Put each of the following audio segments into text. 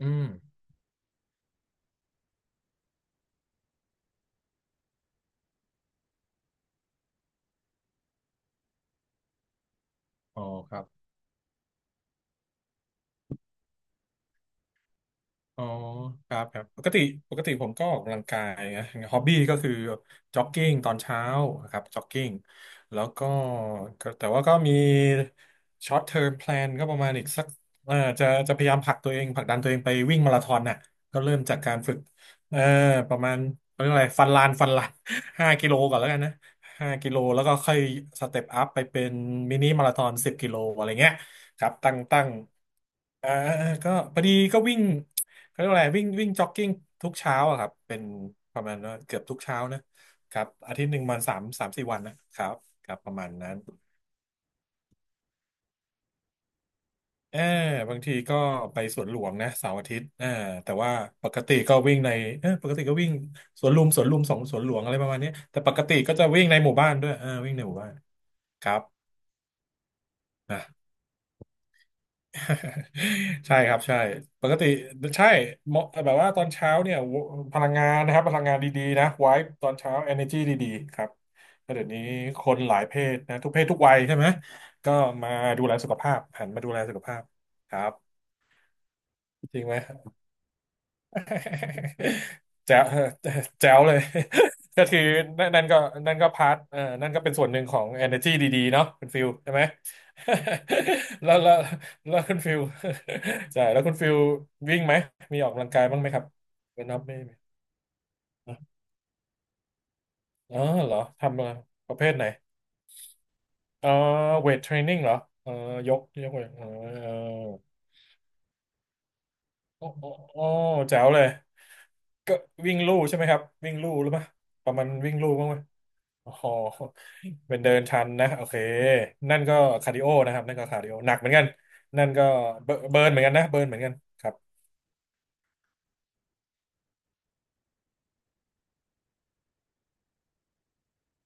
อืมอ๋อครับ อ๋อครับครับปกติผมก็ออกกำลังกายนะฮอบบี้ก็คือจ็อกกิ้งตอนเช้านะครับจ็อกกิ้งแล้วก็แต่ว่าก็มีช็อตเทอมแพลนก็ประมาณอีกสักจะพยายามผลักตัวเองผลักดันตัวเองไปวิ่งมาราธอนน่ะก็เริ่มจากการฝึกเออประมาณเขาเรียกอะไรฟันลาน 5 กิโลก่อนแล้วกันนะห้ากิโลแล้วก็ค่อยสเต็ปอัพไปเป็นมินิมาราธอน10 กิโลอะไรเงี้ยครับตั้งอ่าก็พอดีก็วิ่ง เขาเรียกว่าอะไรวิ่งวิ่งจ็อกกิ้งทุกเช้าอะครับเป็นประมาณว่าเกือบทุกเช้านะครับอาทิตย์หนึ่งมันสามสี่วันนะครับครับประมาณนั้นเออบางทีก็ไปสวนหลวงนะเสาร์อาทิตย์แต่ว่าปกติก็วิ่งในปกติก็วิ่งสวนลุมสองสวนหลวงอะไรประมาณนี้แต่ปกติก็จะวิ่งในหมู่บ้านด้วยวิ่งในหมู่บ้านครับนะ ใช่ครับใช่ปกติใช่เหมาะแบบว่าตอนเช้าเนี่ยพลังงานนะครับพลังงานดีๆนะไว้ตอนเช้า energy ดีๆครับแล้วเดี๋ยวนี้คนหลายเพศนะทุกเพศทุกวัยใช่ไหมก็มาดูแลสุขภาพหันมาดูแลสุขภาพครับจริงไหม แจ๋ว แจ๋วเลย ก็คือนั่นก็นั่นก็พาร์ทเออนั่นก็เป็นส่วนหนึ่งของ energy ดีๆเนาะคุณฟิลใช่ไหม แล้วแล้วแล้วคุณฟิล ใช่แล้วคุณฟิลวิ่งไหมมีออกกำลังกายบ้างไหมครับเป็นนับไม่มีนะอ๋อเหรอทำอะไรประเภทไหนอ๋อเวทเทรนนิ่งเหรอเออยกเวทโอ้โอ้โอ้แจ๋วเลยก็วิ่งลู่ใช่ไหมครับวิ่งลู่หรือเปล่าประมาณวิ่งลู่บ้างไหม โอ๋อเป็นเดินชันนะโอเคนั่นก็คาร์ดิโอนะครับนั่นก็คาร์ดิโอหนักเหมือนกันนั่นก็เบิร์นเหมือนกันนะเบิร์นเหมือนกันครับ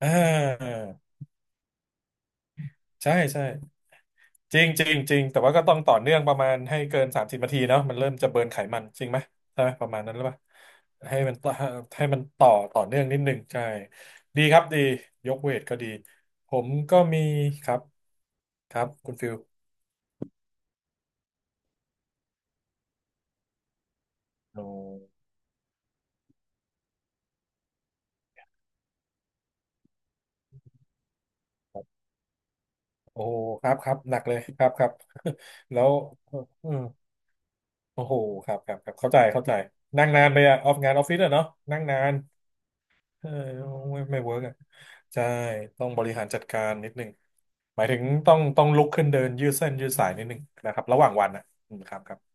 อ่าใช่ใช่จริงจริงจริงแต่ว่าก็ต้องต่อเนื่องประมาณให้เกิน30 นาทีเนาะมันเริ่มจะเบิร์นไขมันจริงไหมใช่ไหมประมาณนั้นหรือเปล่าให้มันต่อให้มันต่อต่อเนื่องนิดหนึ่งใช่ดีครับดียกเวทก็ดีผมก็มีครับครับคุณฟิลโอ้ โอ้ครับครับหนักเลยครับครับ แล้วอืมโอ้โหครับครับครับเข้าใจเข้าใจนั่งนานไปอะออฟงานออฟฟิศอะเนาะนั่งนานเออไม่เวิร์กอะใช่ต้องบริหารจัดการนิดนึงหมายถึงต้องลุกขึ้นเดินยืดเส้นยืดสายนิดนึงนะครับระหว่างวันนะอืมครับครับ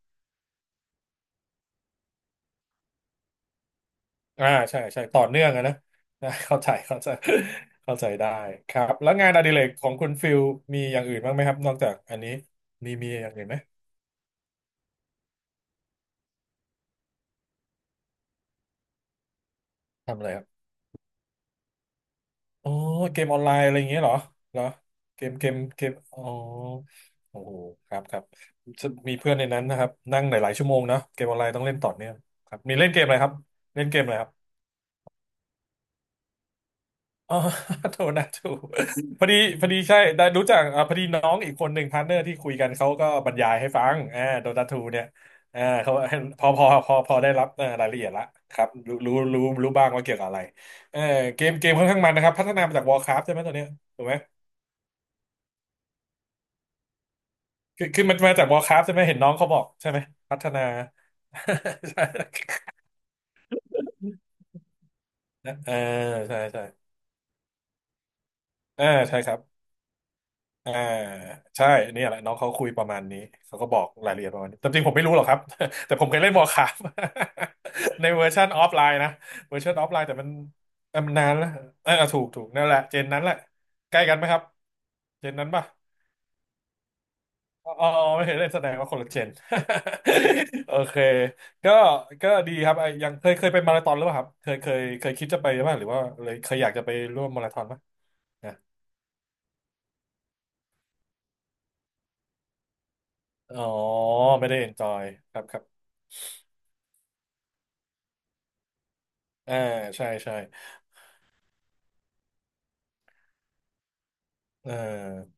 อ่าใช่ใช่ต่อเนื่องอะนะ นะเข้าใจเข้าใจ เข้าใจได้ครับแล้วงานอดิเรกของคุณฟิลมีอย่างอื่นบ้างไหมครับนอกจากอันนี้มีอย่างอื่นไหมทำอะไรครับ อ๋อเกมออนไลน์อะไรอย่างเงี้ยเหรอเกมอ๋อโอ้โหครับครับมีเพื่อนในนั้นนะครับนั่งหลายๆชั่วโมงนะเกมออนไลน์ต้องเล่นต่อเนื่องครับมีเล่นเกมอะไรครับเล่นเกมอะไรครับอ๋อ โทษนะถูกพอดีใช่ได้รู้จักอ่าพอดีน้องอีกคนหนึ่งพาร์ทเนอร์ที่คุยกันเขาก็บรรยายให้ฟังอ่าDota 2เนี่ยอ่าเขา พอได้รับอ่ารายละเอียดละครับรู้บ้างว่าเกี่ยวกับอะไรเออเกมค่อนข้างมันนะครับพัฒนามาจาก Warcraft ใช่ไหมตัวเนี้ยถูกไหม คือมันมาจาก Warcraft ใช่ไหมเห็นน้องเขาบอกใช่ไหมพัฒนา ใช่ เออใช่ใช่เออใช่ครับอ่าใช่เนี่ยแหละน้องเขาคุยประมาณนี้เขาก็บอกรายละเอียดประมาณนี้แต่จริงผมไม่รู้หรอกครับ แต่ผมเคยเล่น Warcraft ในเวอร์ชันออฟไลน์นะเวอร์ชันออฟไลน์แต่มันมันนานแล้วเออถูกถูกนั่นแหละเจนนั้นแหละใกล้กันไหมครับเจนนั้นป่ะ อ๋อไม่เคยเล่นแสดงว่าคนละเจน โอเคก็ก็ดีครับไอ้ยังเคยไปมาราธอนหรือเปล่าครับเคยคิดจะไปไหาหรือว่าเลยเคยอยากจะไปร่วมมาราธอนไหมนะอ๋อไม่ได้เอนจอยครับครับอ่าใช่ใช่เออ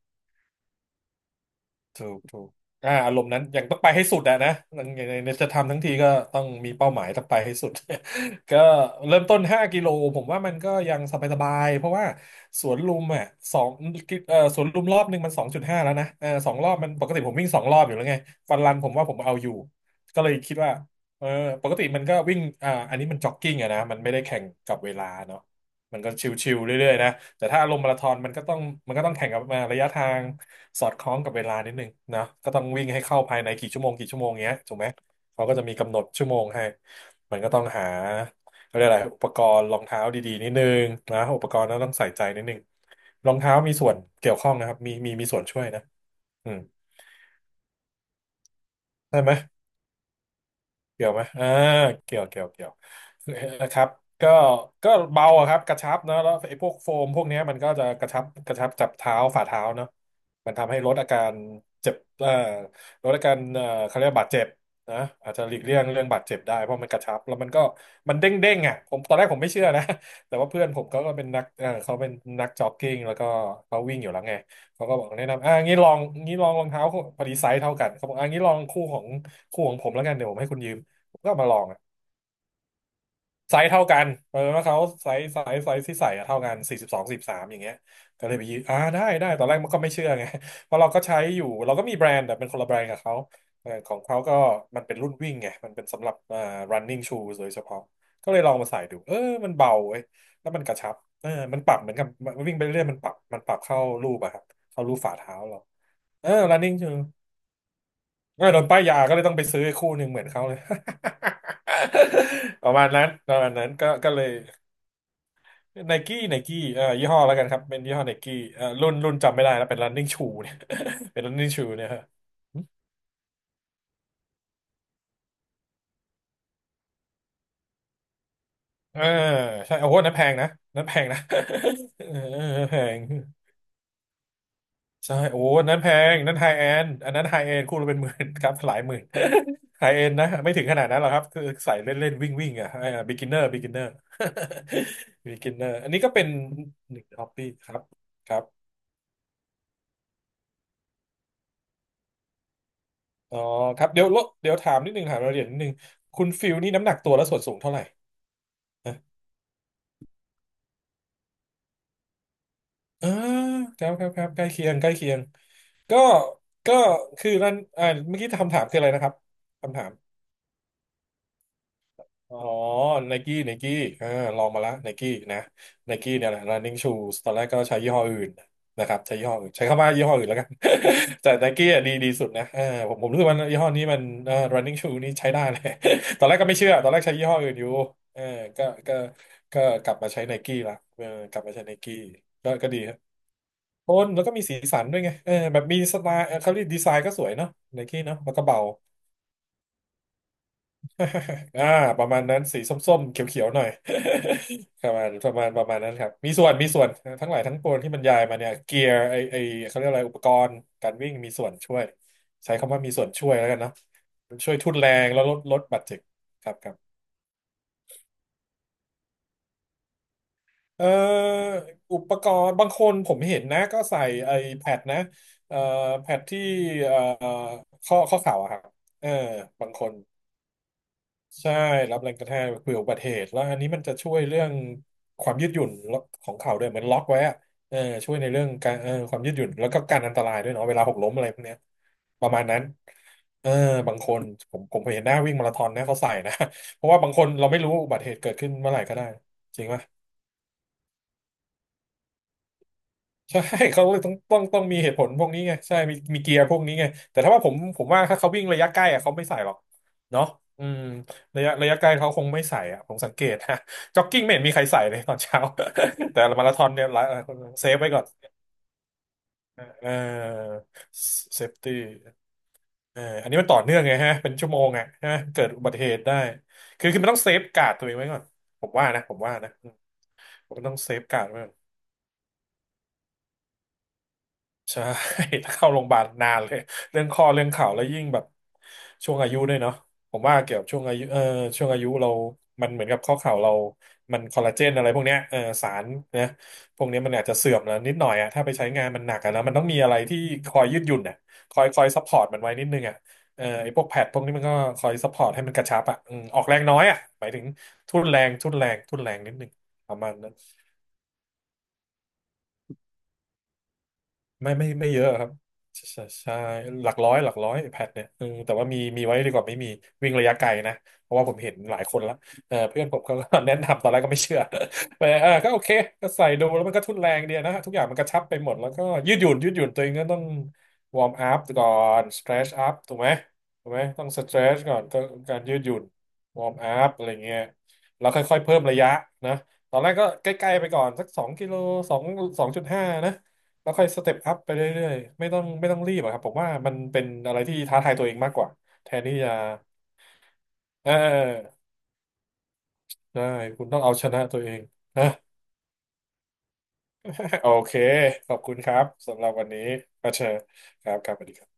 ถูกถูกอ่าอารมณ์นั้นยังต้องไปให้สุดอะนะในจะทำทั้งทีก็ต้องมีเป้าหมายต้องไปให้สุด ก็เริ่มต้น5 กิโลผมว่ามันก็ยังสบายๆเพราะว่าสวนลุมอ่ะสองเอ่อสวนลุมรอบหนึ่งมัน2.5แล้วนะเออสองรอบมันปกติผมวิ่งสองรอบอยู่แล้วไงฟันรันผมว่าผมเอาอยู่ก็เลยคิดว่าเออปกติมันก็วิ่งอันนี้มันจ็อกกิ้งอะนะมันไม่ได้แข่งกับเวลาเนาะมันก็ชิวๆเรื่อยๆนะแต่ถ้าลงมาราธอนมันก็ต้องแข่งกับระยะทาง สอดคล้องกับเวลานิดนึงนะก็ต้องวิ่งให้เข้าภายในกี่ชั่วโมงกี่ชั่วโมงเงี้ยถูกไหมเขาก็จะมีกำหนดชั่วโมงให้มันก็ต้องหาเขาเรียกอะไรอุปกรณ์รองเท้าดีๆนิดนึงนะอุปกรณ์นั้นต้องใส่ใจนิดนึงรองเท้ามีส่วนเกี่ยวข้องนะครับมีส่วนช่วยนะอืมใช่ไหม เกี่ยวไหมอ่าเกี่ยวเกี่ยว เกี่ยวคือครับก็ก็เบาอะครับกระชับเนอะแล้วไอ้พวกโฟมพวกเนี้ยมันก็จะกระชับจับเท้าฝ่าเท้าเนอะมันทำให้ลดอาการเจ็บลดอาการเขาเรียกว่าบาดเจ็บนะอาจจะหลีกเลี่ยงเรื่องบาดเจ็บได้ เพราะมันกระชับแล้วมันเด้งเด้งอะผมตอนแรกผมไม่เชื่อนะ แต่ว่าเพื่อนผมเขาก็เป็นนักเออเขาเป็นนักจ็อกกิ้งแล้วก็เขาวิ่งอยู่แล้วไงเขาก็บอกแนะนำอ่ะงี้ลองงี้ลองรองเท้าคู่พอดีไซส์เท่ากันเขาบอกอ่างี้ลองคู่ของคู่ของผมแล้วกันเดี๋ยวผมให้คุณยืม ก็เอามาลองอะไซส์เท่ากันเออแล้วเขาไซส์ที่ใส่อะเท่ากัน42 43อย่างเงี้ยก็เลยไปยืมได้ตอนแรกมันก็ไม่เชื่อไง เพราะเราก็ใช้อยู่เราก็มีแบรนด์แต่เป็นคนละแบรนด์กับเขาเออของเขาก็มันเป็นรุ่นวิ่งไงมันเป็นสำหรับrunning shoes โดยเฉพาะก็เลยลองมาใส่ดูเออมันเบาเว้ยแล้วมันกระชับเออมันปรับเหมือนกับมันวิ่งไปเรื่อยมันปรับเข้ารูปอะครับเข้ารูปฝ่าเท้าเราเออ running shoe เออโดนป้ายยาก็เลยต้องไปซื้อคู่หนึ่งเหมือนเขาเลย ประมาณนั้นประมาณนั้นก็เลยไนกี้ยี่ห้อแล้วกันครับเป็นยี่ห้อไนกี้รุ่นจำไม่ได้แล้วเป็น running shoe เนี่ย เป็น running shoe เนี่ยฮะเออใช่โอ้โหนั่นแพงนะนั่นแพงนะ เออแพง ใช่โอ้อันนั้นแพงอันนั้นไฮแอนอันนั้นไฮแอนคู่ละเป็นหมื่น ครับ หลายหมื่น ไฮเอนนะ ไม่ถึงขนาดนั้นหรอกครับ คือใส่เล่นเล่นวิ่งวิ่งอ่ะเออ beginner beginner beginner อันนี้ก็เป็นหนึ่งฮอปปี้ครับครับอ๋อครับเดี๋ยวถามนิดนึงถามรายละเอียดนิดนึงคุณฟิลนี่น้ำหนักตัวและส่วนสูงเท่าไหร่นะอ่าครับใกล้เคียง ใกล้เคียง ก็ก็คือนั่นเมื่อกี้คำถามคืออะไรนะครับ อ๋อไนกี้อ่าลองมาละไนกี้นะไนกี้เนี่ยแหละ running shoes ตอนแรกก็ใช้ยี่ห้ออื่นนะครับใช้ยี่ห้ออื่นใช้คำว่ายี่ห้ออื่นแล้วกัน แต่ไนกี้อ่ะดีดีสุดนะเออผมรู้สึกว่ายี่ห้อนี้มันเออ running shoe นี่ใช้ได้เลย ตอนแรกก็ไม่เชื่อตอนแรกใช้ยี่ห้ออื่นอยู่เออก็ก็ก็กลับมาใช้ไนกี้ละเออกลับมาใช้ไนกี้ก็ดีครับโทนแล้วก็มีสีสันด้วยไงเออแบบมีสไตล์เออเขาเรียกดีไซน์ก็สวยเนาะไนกี้เนาะแล้วก็เบา อ่าประมาณนั้นสีส้มๆเขียวๆหน่อย ประมาณนั้นครับมีส่วนทั้งหลายทั้งปวงที่บรรยายมาเนี่ยเกียร์ไอไอเขาเรียกอะไรอุปกรณ์การวิ่งมีส่วนช่วยใช้คำว่ามีส่วนช่วยแล้วกันเนาะช่วยทุ่นแรงแล้วลดบาดเจ็บครับครับเอ่ออุปกรณ์บางคนผมเห็นนะก็ใส่ไอแพดนะเอ่อแพดที่เอ่อข้อเข่าอะครับเออบางคน ใช่รับแรงกระแทกเผื่ออุบัติเหตุแล้วอันนี้มันจะช่วยเรื่องความยืดหยุ่นของเข่าด้วยเหมือนล็อกไว้อะเออช่วยในเรื่องการความยืดหยุ่นแล้วก็การอันตรายด้วยเนาะเวลาหกล้มอะไรพวกเนี้ยประมาณนั้นเออบางคนผมเคยเห็นหน้าวิ่งมาราธอนนะเขาใส่นะ เพราะว่าบางคนเราไม่รู้อุบัติเหตุเกิดขึ้นเมื่อไหร่ก็ได้จริงไหม ใช่ เขาเลยต้องมีเหตุผลพวกนี้ไงใช่มีเกียร์พวกนี้ไงแต่ถ้าว่าผมว่าถ้าเขาวิ่งระยะใกล้อะเขาไม่ใส่หรอกเนาะอืมระยะใกล้เขาคงไม่ใส่อะผมสังเกต ฮะจ็อกกิ้งไม่เห็นมีใครใส่เลยตอนเช้า แต่มาราธอนเนี่ยหลายเซฟไว้ก่อนเออเซฟตี้เอออันนี้มันต่อเนื่องไงฮะเป็นชั่วโมงอะฮะเกิดอุบัติเหตุได้คือมันต้องเซฟการ์ดตัวเองไว้ก่อนผมว่านะผมต้องเซฟการ์ดไว้ ใช่ ถ้าเข้าโรงพยาบาลนานเลยเรื่องข้อเรื่องเข่าแล้วยิ่งแบบช่วงอายุด้วยเนาะผมว่าเกี่ยวกับช่วงอายุเออช่วงอายุเรามันเหมือนกับข้อเข่าเรามันคอลลาเจนอะไรพวกเนี้ยเออสารนะพวกเนี้ยมันอาจจะเสื่อมแล้วนิดหน่อยอะถ้าไปใช้งานมันหนักอะนะมันต้องมีอะไรที่คอยยืดหยุ่นอะคอยซัพพอร์ตมันไว้นิดนึงอะเออไอ้พวกแพดพวกนี้มันก็คอยซัพพอร์ตให้มันกระชับอะอืมออกแรงน้อยอะหมายถึงทุ่นแรงนิดนึงประมาณนั้น ไม่เยอะครับใช่ใช่ใช่หลักร้อยหลักร้อยแพดเนี่ยเออแต่ว่ามีไว้ดีกว่าไม่มีวิ่งระยะไกลนะเพราะว่าผมเห็นหลายคนละเออเพื่อนผมก็ แนะนำตอนแรกก็ไม่เชื่อ แต่เออก็โอเคก็ใส่ดูแล้วมันก็ทุนแรงดีนะทุกอย่างมันกระชับไปหมดแล้วก็ยืดหยุ่นตัวเองก็ต้องวอร์มอัพก่อนสเตรชอัพถูกไหมถูกไหมต้องสเตรชก่อนก็การยืดหยุ่นวอร์มอัพอะไรเงี้ยแล้วค่อยๆเพิ่มระยะนะตอนแรกก็ใกล้ๆไปก่อนสักสองกิโลสองสองจุดห้านะ แล้วค่อยสเต็ปอัพไปเรื่อยๆไม่ต้องรีบอะครับผมว่ามันเป็นอะไรที่ท้าทายตัวเองมากกว่าแทนที่จะเออได้คุณต้องเอาชนะตัวเองนะ โอเคขอบคุณครับสำหรับวันนี้อาเชญครับครับสวัสดีครับ